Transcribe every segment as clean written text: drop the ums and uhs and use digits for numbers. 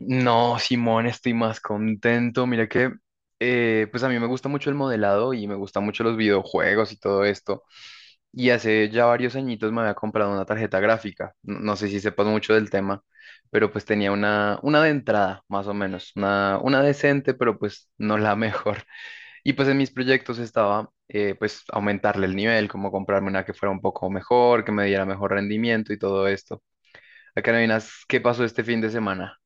No, Simón, estoy más contento. Mira que, pues a mí me gusta mucho el modelado y me gustan mucho los videojuegos y todo esto. Y hace ya varios añitos me había comprado una tarjeta gráfica. No sé si sepas mucho del tema, pero pues tenía una de entrada, más o menos. Una decente, pero pues no la mejor. Y pues en mis proyectos estaba, pues aumentarle el nivel, como comprarme una que fuera un poco mejor, que me diera mejor rendimiento y todo esto. Acá no adivinas qué pasó este fin de semana.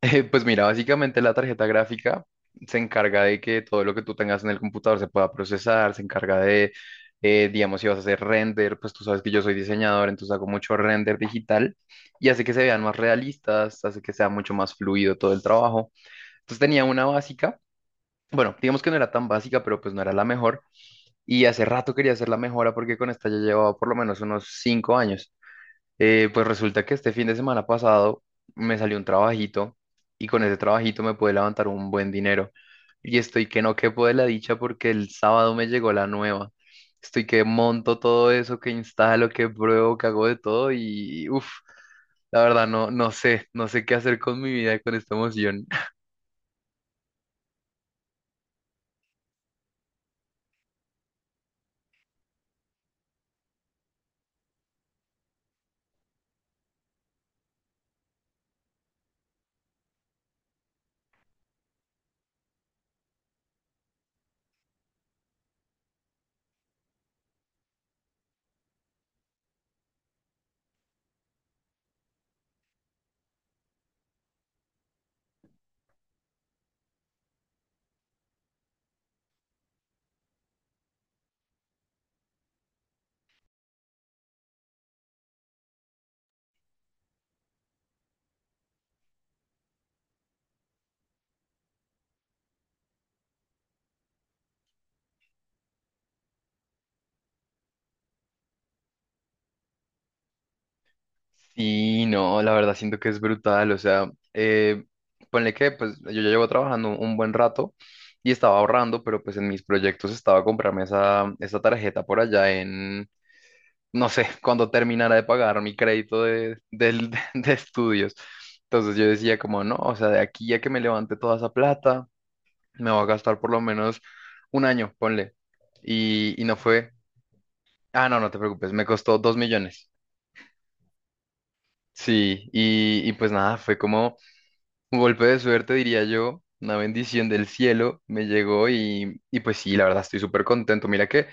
Pues mira, básicamente la tarjeta gráfica se encarga de que todo lo que tú tengas en el computador se pueda procesar, se encarga de, digamos, si vas a hacer render, pues tú sabes que yo soy diseñador, entonces hago mucho render digital y hace que se vean más realistas, hace que sea mucho más fluido todo el trabajo. Entonces tenía una básica, bueno, digamos que no era tan básica, pero pues no era la mejor y hace rato quería hacer la mejora porque con esta ya llevaba por lo menos unos 5 años. Pues resulta que este fin de semana pasado me salió un trabajito y con ese trabajito me pude levantar un buen dinero. Y estoy que no quepo de la dicha porque el sábado me llegó la nueva. Estoy que monto todo eso, que instalo, que pruebo, que hago de todo y uff, la verdad no, no sé qué hacer con mi vida con esta emoción. Sí, no, la verdad siento que es brutal, o sea, ponle que pues yo ya llevo trabajando un buen rato y estaba ahorrando, pero pues en mis proyectos estaba comprarme esa tarjeta por allá en, no sé, cuando terminara de pagar mi crédito del- de estudios. Entonces yo decía como, no, o sea, de aquí a que me levante toda esa plata, me voy a gastar por lo menos 1 año, ponle. Y no fue, ah, no te preocupes, me costó 2 millones. Sí, y pues nada, fue como... Un golpe de suerte, diría yo, una bendición del cielo me llegó y pues sí, la verdad estoy súper contento. Mira que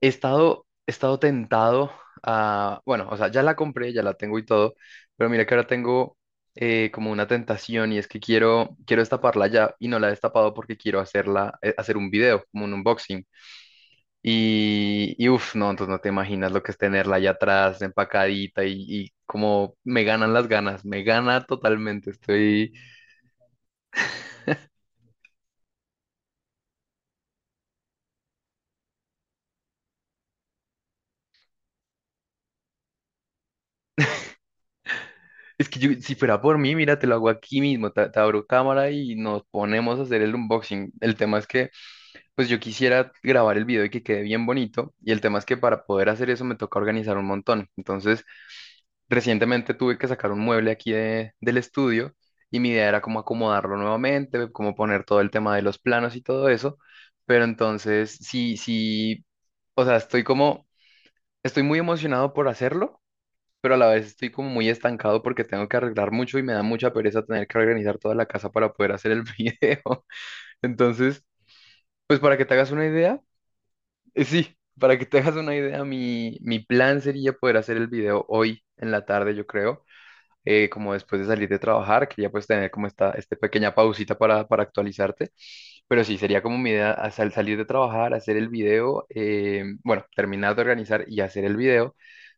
he estado tentado a, bueno, o sea, ya la compré, ya la tengo y todo, pero mira que ahora tengo como una tentación y es que quiero destaparla ya y no la he destapado porque quiero hacerla, hacer un video, como un unboxing. Y uff, no, entonces no te imaginas lo que es tenerla allá atrás, empacadita y como me ganan las ganas, me gana totalmente, estoy... Es que yo, si fuera por mí, mira, te lo hago aquí mismo, te abro cámara y nos ponemos a hacer el unboxing. El tema es que, pues yo quisiera grabar el video y que quede bien bonito, y el tema es que para poder hacer eso me toca organizar un montón. Entonces, recientemente tuve que sacar un mueble aquí de- del estudio y mi idea era como acomodarlo nuevamente, como poner todo el tema de los planos y todo eso, pero entonces sí, sí, o sea, estoy como, estoy muy emocionado por hacerlo pero a la vez estoy como muy estancado porque tengo que arreglar mucho y me da mucha pereza tener que organizar toda la casa para poder hacer el video. Entonces, pues para que te hagas una idea, sí, para que te hagas una idea, mi plan sería poder hacer el video hoy en la tarde, yo creo, como después de salir de trabajar, quería pues tener como esta pequeña pausita para actualizarte. Pero sí, sería como mi idea as- al salir de trabajar, hacer el video, bueno, terminar de organizar y hacer el video,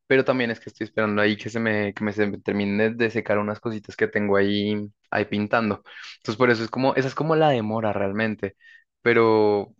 pero también es que estoy esperando ahí que se me, se me termine de secar unas cositas que tengo ahí, ahí pintando. Entonces, por eso es como, esa es como la demora realmente, pero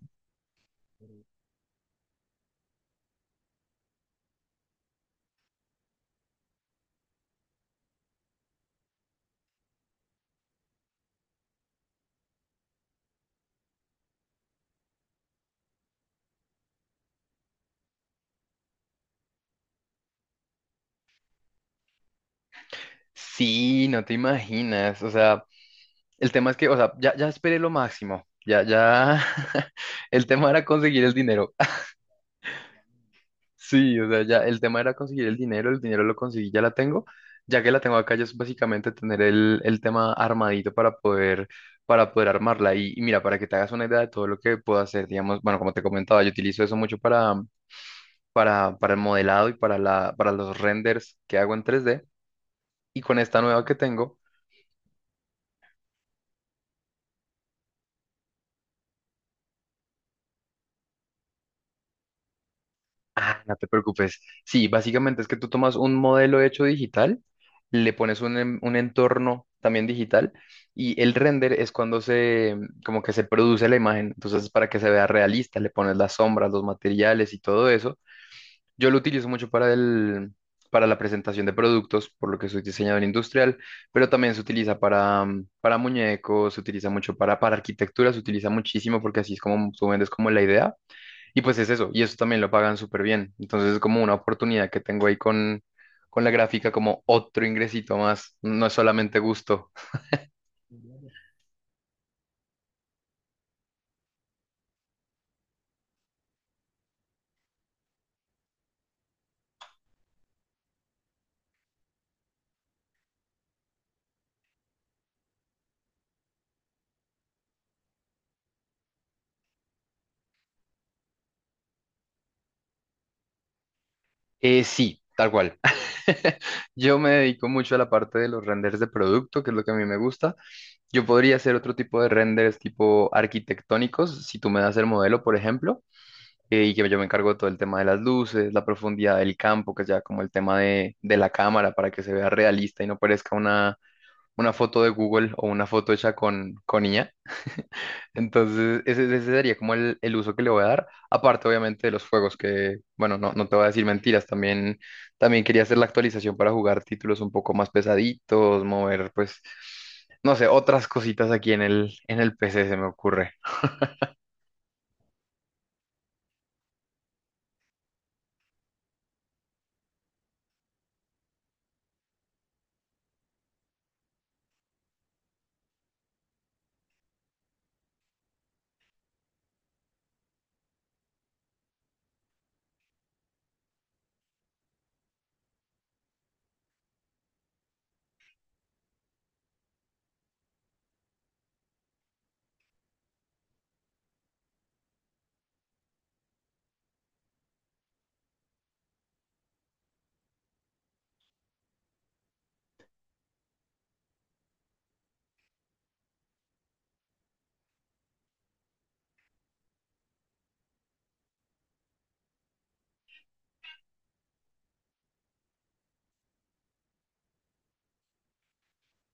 sí, no te imaginas, o sea, el tema es que, o sea, ya esperé lo máximo, ya, ya, el tema era conseguir el dinero. Sí, o sea, ya el tema era conseguir el dinero lo conseguí, ya la tengo. Ya que la tengo acá, ya es básicamente tener el tema armadito para poder armarla. Y mira, para que te hagas una idea de todo lo que puedo hacer, digamos, bueno, como te comentaba, yo utilizo eso mucho para el modelado y para para los renders que hago en tres d. Y con esta nueva que tengo, no te preocupes. Sí, básicamente es que tú tomas un modelo hecho digital, le pones un, en- un entorno también digital y el render es cuando se, como que se produce la imagen. Entonces, para que se vea realista, le pones las sombras, los materiales y todo eso. Yo lo utilizo mucho para el, para la presentación de productos, por lo que soy diseñador industrial, pero también se utiliza para, para muñecos, se utiliza mucho para arquitectura, se utiliza muchísimo porque así es como tú vendes como la idea. Y pues es eso, y eso también lo pagan súper bien. Entonces es como una oportunidad que tengo ahí con la gráfica, como otro ingresito más, no es solamente gusto. Sí, tal cual. Yo me dedico mucho a la parte de los renders de producto, que es lo que a mí me gusta. Yo podría hacer otro tipo de renders tipo arquitectónicos, si tú me das el modelo, por ejemplo, y que yo me encargo de todo el tema de las luces, la profundidad del campo, que es ya como el tema de la cámara para que se vea realista y no parezca una foto de Google o una foto hecha con IA. Entonces, ese sería como el uso que le voy a dar, aparte obviamente de los juegos, que bueno, no, no te voy a decir mentiras, también, también quería hacer la actualización para jugar títulos un poco más pesaditos, mover pues, no sé, otras cositas aquí en el PC se me ocurre.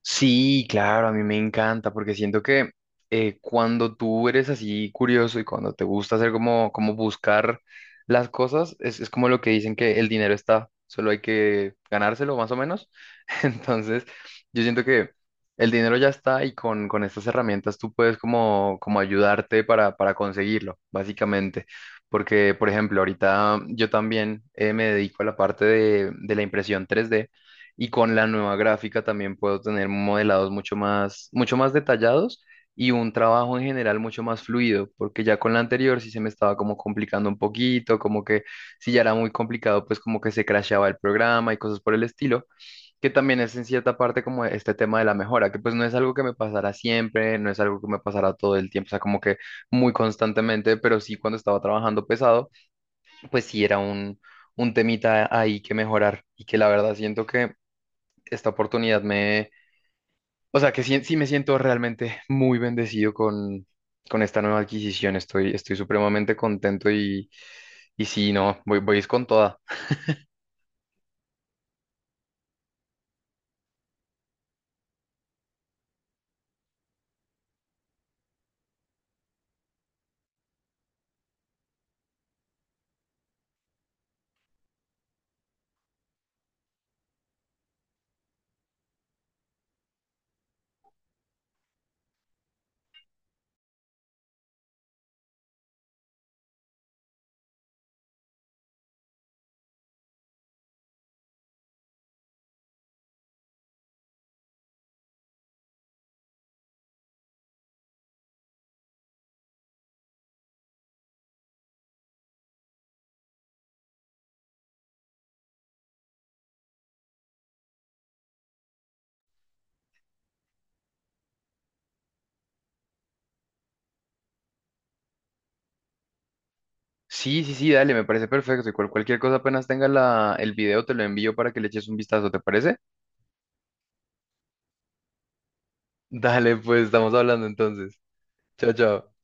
Sí, claro, a mí me encanta porque siento que cuando tú eres así curioso y cuando te gusta hacer como, como buscar las cosas, es como lo que dicen que el dinero está, solo hay que ganárselo más o menos. Entonces, yo siento que el dinero ya está y con estas herramientas tú puedes como, como ayudarte para conseguirlo, básicamente. Porque, por ejemplo, ahorita yo también me dedico a la parte de la impresión 3D y con la nueva gráfica también puedo tener modelados mucho más detallados y un trabajo en general mucho más fluido, porque ya con la anterior sí se me estaba como complicando un poquito, como que si ya era muy complicado, pues como que se crasheaba el programa y cosas por el estilo, que también es en cierta parte como este tema de la mejora, que pues no es algo que me pasara siempre, no es algo que me pasara todo el tiempo, o sea, como que muy constantemente, pero sí cuando estaba trabajando pesado, pues sí era un temita ahí que mejorar y que la verdad siento que esta oportunidad me, o sea, que sí, sí me siento realmente muy bendecido con esta nueva adquisición. Estoy supremamente contento y sí, no, voy es con toda. Sí, sí, sí, dale, me parece perfecto. Y cual- cualquier cosa apenas tenga la, el video, te lo envío para que le eches un vistazo, ¿te parece? Dale, pues estamos hablando entonces. Chao, chao.